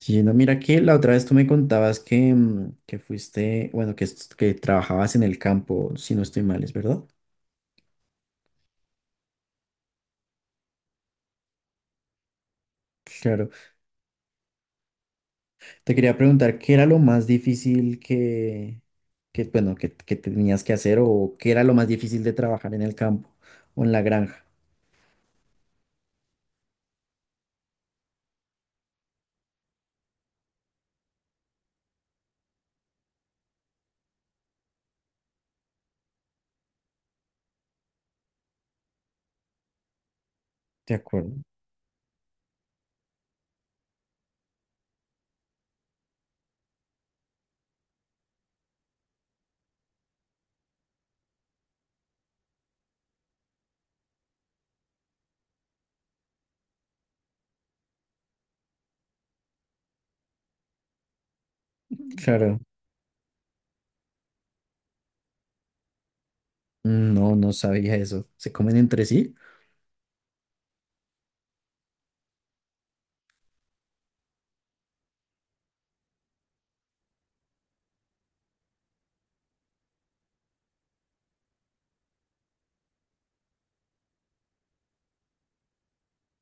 Sí, no, mira que la otra vez tú me contabas que, que fuiste, bueno, que trabajabas en el campo, si no estoy mal, ¿es verdad? Claro. Te quería preguntar qué era lo más difícil que, que bueno, que tenías que hacer o qué era lo más difícil de trabajar en el campo o en la granja. De acuerdo. Claro. Mm, no, no sabía eso. ¿Se comen entre sí?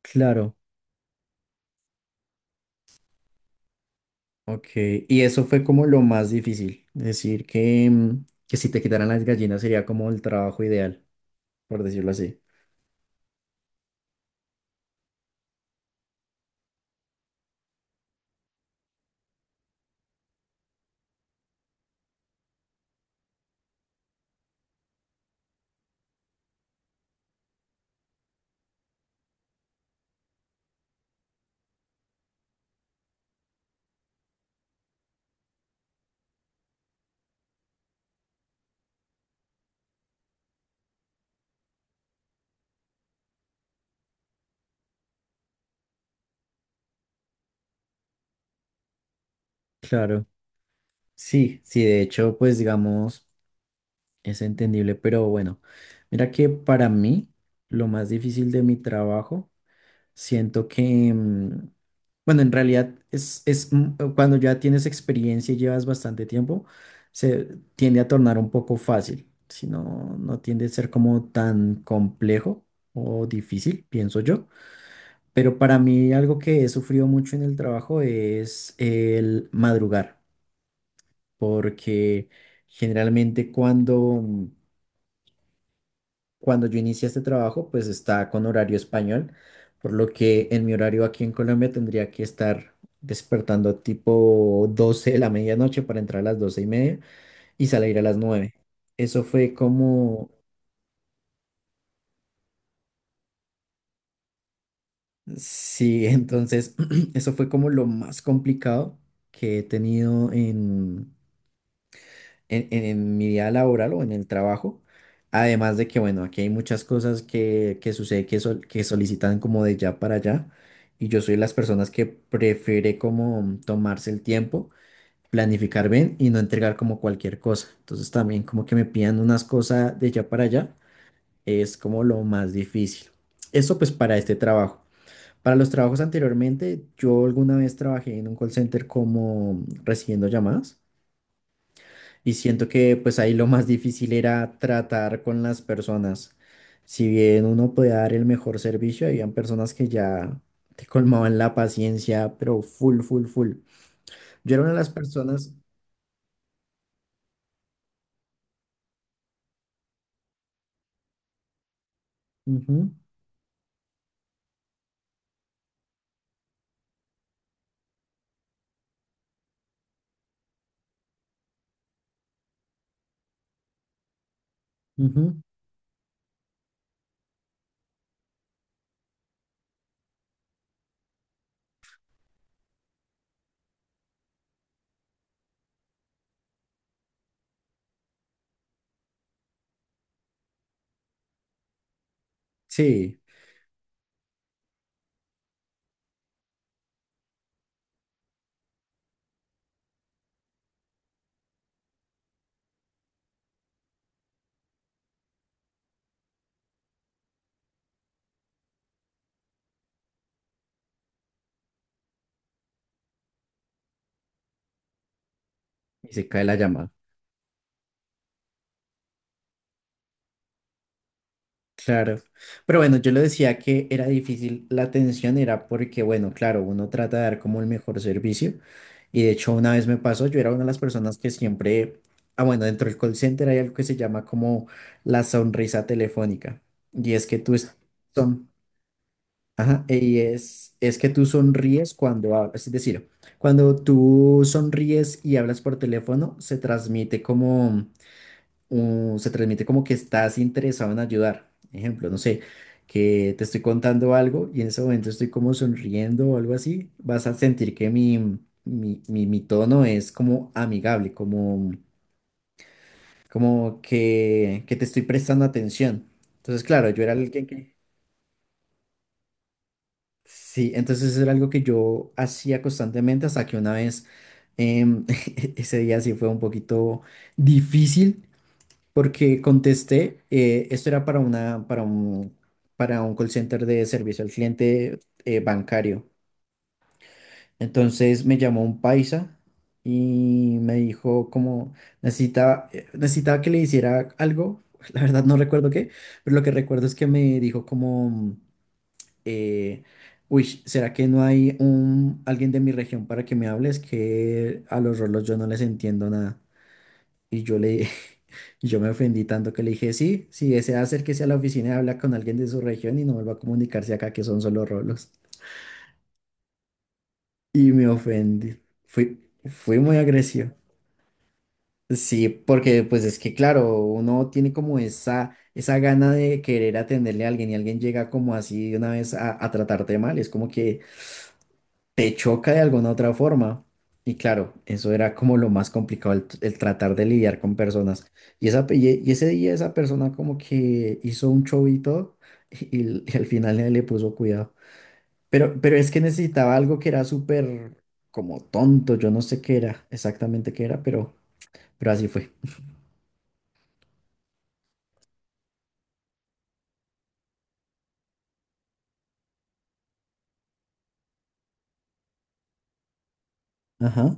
Claro. Ok. Y eso fue como lo más difícil. Decir que, que si te quitaran las gallinas sería como el trabajo ideal, por decirlo así. Claro, sí, sí, de hecho, pues digamos, es entendible, pero bueno, mira que para mí lo más difícil de mi trabajo, siento que, bueno, en realidad es, cuando ya tienes experiencia y llevas bastante tiempo, se tiende a tornar un poco fácil, si no, no tiende a ser como tan complejo o difícil, pienso yo, pero para mí algo que he sufrido mucho en el trabajo es el madrugar, porque generalmente cuando yo inicié este trabajo, pues está con horario español, por lo que en mi horario aquí en Colombia tendría que estar despertando tipo 12 de la medianoche para entrar a las 12:30 y salir a las 9. Eso fue como, sí, entonces, eso fue como lo más complicado que he tenido en mi vida laboral o en el trabajo. Además de que, bueno, aquí hay muchas cosas que sucede que solicitan como de ya para allá. Y yo soy de las personas que prefiere como tomarse el tiempo, planificar bien y no entregar como cualquier cosa. Entonces también como que me pidan unas cosas de ya para allá es como lo más difícil. Eso pues para este trabajo. Para los trabajos anteriormente, yo alguna vez trabajé en un call center como recibiendo llamadas. Y siento que pues ahí lo más difícil era tratar con las personas. Si bien uno podía dar el mejor servicio, habían personas que ya te colmaban la paciencia, pero full, full, full. Yo era una de las personas. Ujú, ujú, sí, y se cae la llamada. Claro, pero bueno, yo le decía que era difícil la atención, era porque, bueno, claro, uno trata de dar como el mejor servicio y de hecho una vez me pasó, yo era una de las personas que siempre, ah, bueno, dentro del call center hay algo que se llama como la sonrisa telefónica y es que son, ajá, y es que tú sonríes cuando hablas, es decir, cuando tú sonríes y hablas por teléfono, se transmite como que estás interesado en ayudar. Ejemplo, no sé, que te estoy contando algo y en ese momento estoy como sonriendo o algo así, vas a sentir que mi tono es como amigable, como, como que te estoy prestando atención. Entonces, claro, yo era alguien que. Sí, entonces eso era algo que yo hacía constantemente hasta que una vez, em, ese día sí fue un poquito difícil porque contesté, esto era para un call center de servicio al cliente, bancario. Entonces me llamó un paisa y me dijo como necesitaba que le hiciera algo, la verdad no recuerdo qué, pero lo que recuerdo es que me dijo como, eh, uy, ¿será que no hay alguien de mi región para que me hables, que a los rolos yo no les entiendo nada? Y yo le, y yo me ofendí tanto que le dije, sí, si desea acérquese a la oficina y habla con alguien de su región y no vuelva a comunicarse acá que son solo rolos. Y me ofendí. Fui muy agresivo. Sí, porque pues es que claro, uno tiene como esa gana de querer atenderle a alguien y alguien llega como así de una vez a tratarte mal. Es como que te choca de alguna otra forma. Y claro, eso era como lo más complicado, el tratar de lidiar con personas. Y ese día esa persona como que hizo un show y todo, y al final nadie le puso cuidado. Pero es que necesitaba algo que era súper como tonto, yo no sé qué era, exactamente qué era, pero así fue. Ajá.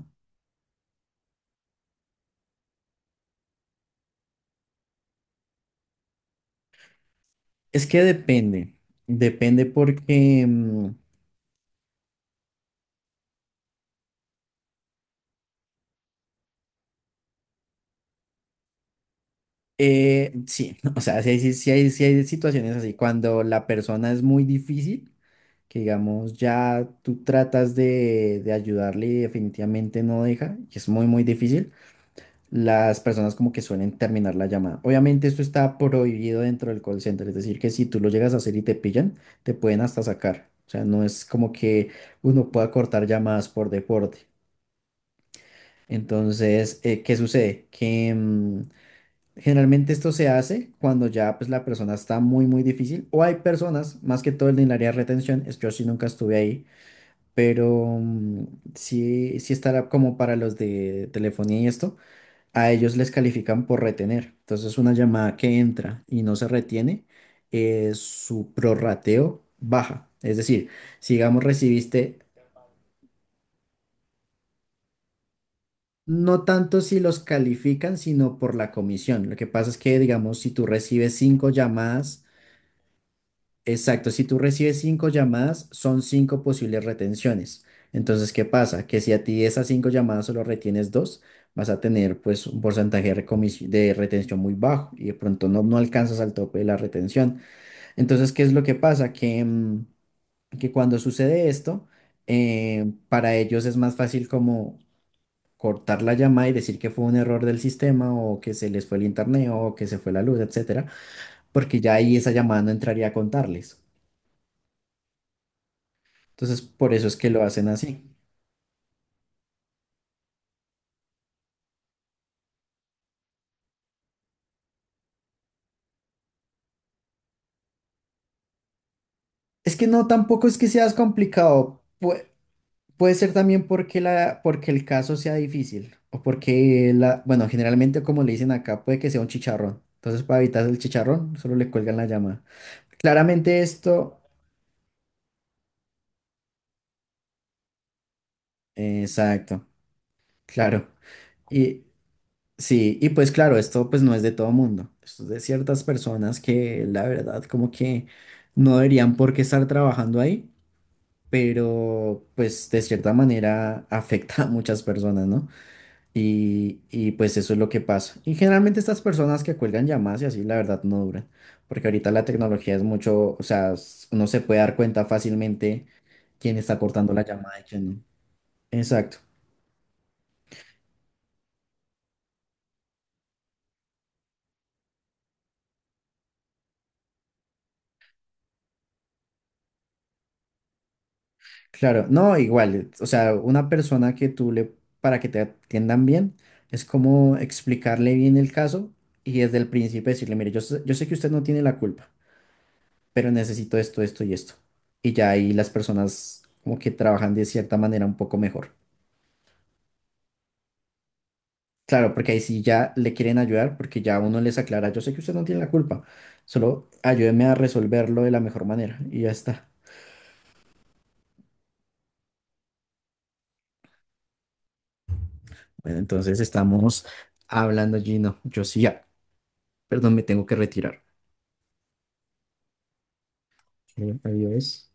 Es que depende porque, sí, o sea, si hay situaciones así, cuando la persona es muy difícil, que digamos ya tú tratas de ayudarle y definitivamente no deja, y es muy muy difícil, las personas como que suelen terminar la llamada. Obviamente esto está prohibido dentro del call center, es decir, que si tú lo llegas a hacer y te pillan, te pueden hasta sacar. O sea, no es como que uno pueda cortar llamadas por deporte. Entonces, ¿qué sucede? Que generalmente esto se hace cuando ya pues la persona está muy muy difícil o hay personas, más que todo en el área de retención, es que yo sí nunca estuve ahí pero sí, sí estará como para los de telefonía y esto, a ellos les califican por retener. Entonces, una llamada que entra y no se retiene, su prorrateo baja. Es decir, si digamos recibiste. No tanto si los califican, sino por la comisión. Lo que pasa es que, digamos, si tú recibes cinco llamadas. Exacto. si tú recibes cinco llamadas, son cinco posibles retenciones. Entonces, ¿qué pasa? Que si a ti esas cinco llamadas solo retienes dos, vas a tener pues un porcentaje de, de retención muy bajo y de pronto no alcanzas al tope de la retención. Entonces, ¿qué es lo que pasa? Que cuando sucede esto, para ellos es más fácil como cortar la llamada y decir que fue un error del sistema o que se les fue el internet o que se fue la luz, etcétera, porque ya ahí esa llamada no entraría a contarles. Entonces, por eso es que lo hacen así. Es que no, tampoco es que seas complicado. Puede ser también porque el caso sea difícil. O porque, bueno, generalmente como le dicen acá, puede que sea un chicharrón. Entonces, para evitar el chicharrón, solo le cuelgan la llamada. Claramente esto. Exacto. claro. Y sí, y pues claro, esto pues no es de todo mundo. Esto es de ciertas personas que la verdad como que no deberían por qué estar trabajando ahí, pero pues de cierta manera afecta a muchas personas, ¿no? Y pues eso es lo que pasa. Y generalmente estas personas que cuelgan llamadas y así, la verdad, no duran, porque ahorita la tecnología es mucho, o sea, uno se puede dar cuenta fácilmente quién está cortando la llamada y quién no. Exacto. Claro, no, igual, o sea, una persona que tú le, para que te atiendan bien, es como explicarle bien el caso y desde el principio decirle, mire, yo sé que usted no tiene la culpa, pero necesito esto, esto y esto. Y ya ahí las personas como que trabajan de cierta manera un poco mejor. Claro, porque ahí sí ya le quieren ayudar, porque ya uno les aclara, yo sé que usted no tiene la culpa, solo ayúdeme a resolverlo de la mejor manera y ya está. Bueno, entonces estamos hablando, Gino. Yo sí, ya, perdón, me tengo que retirar. Adiós.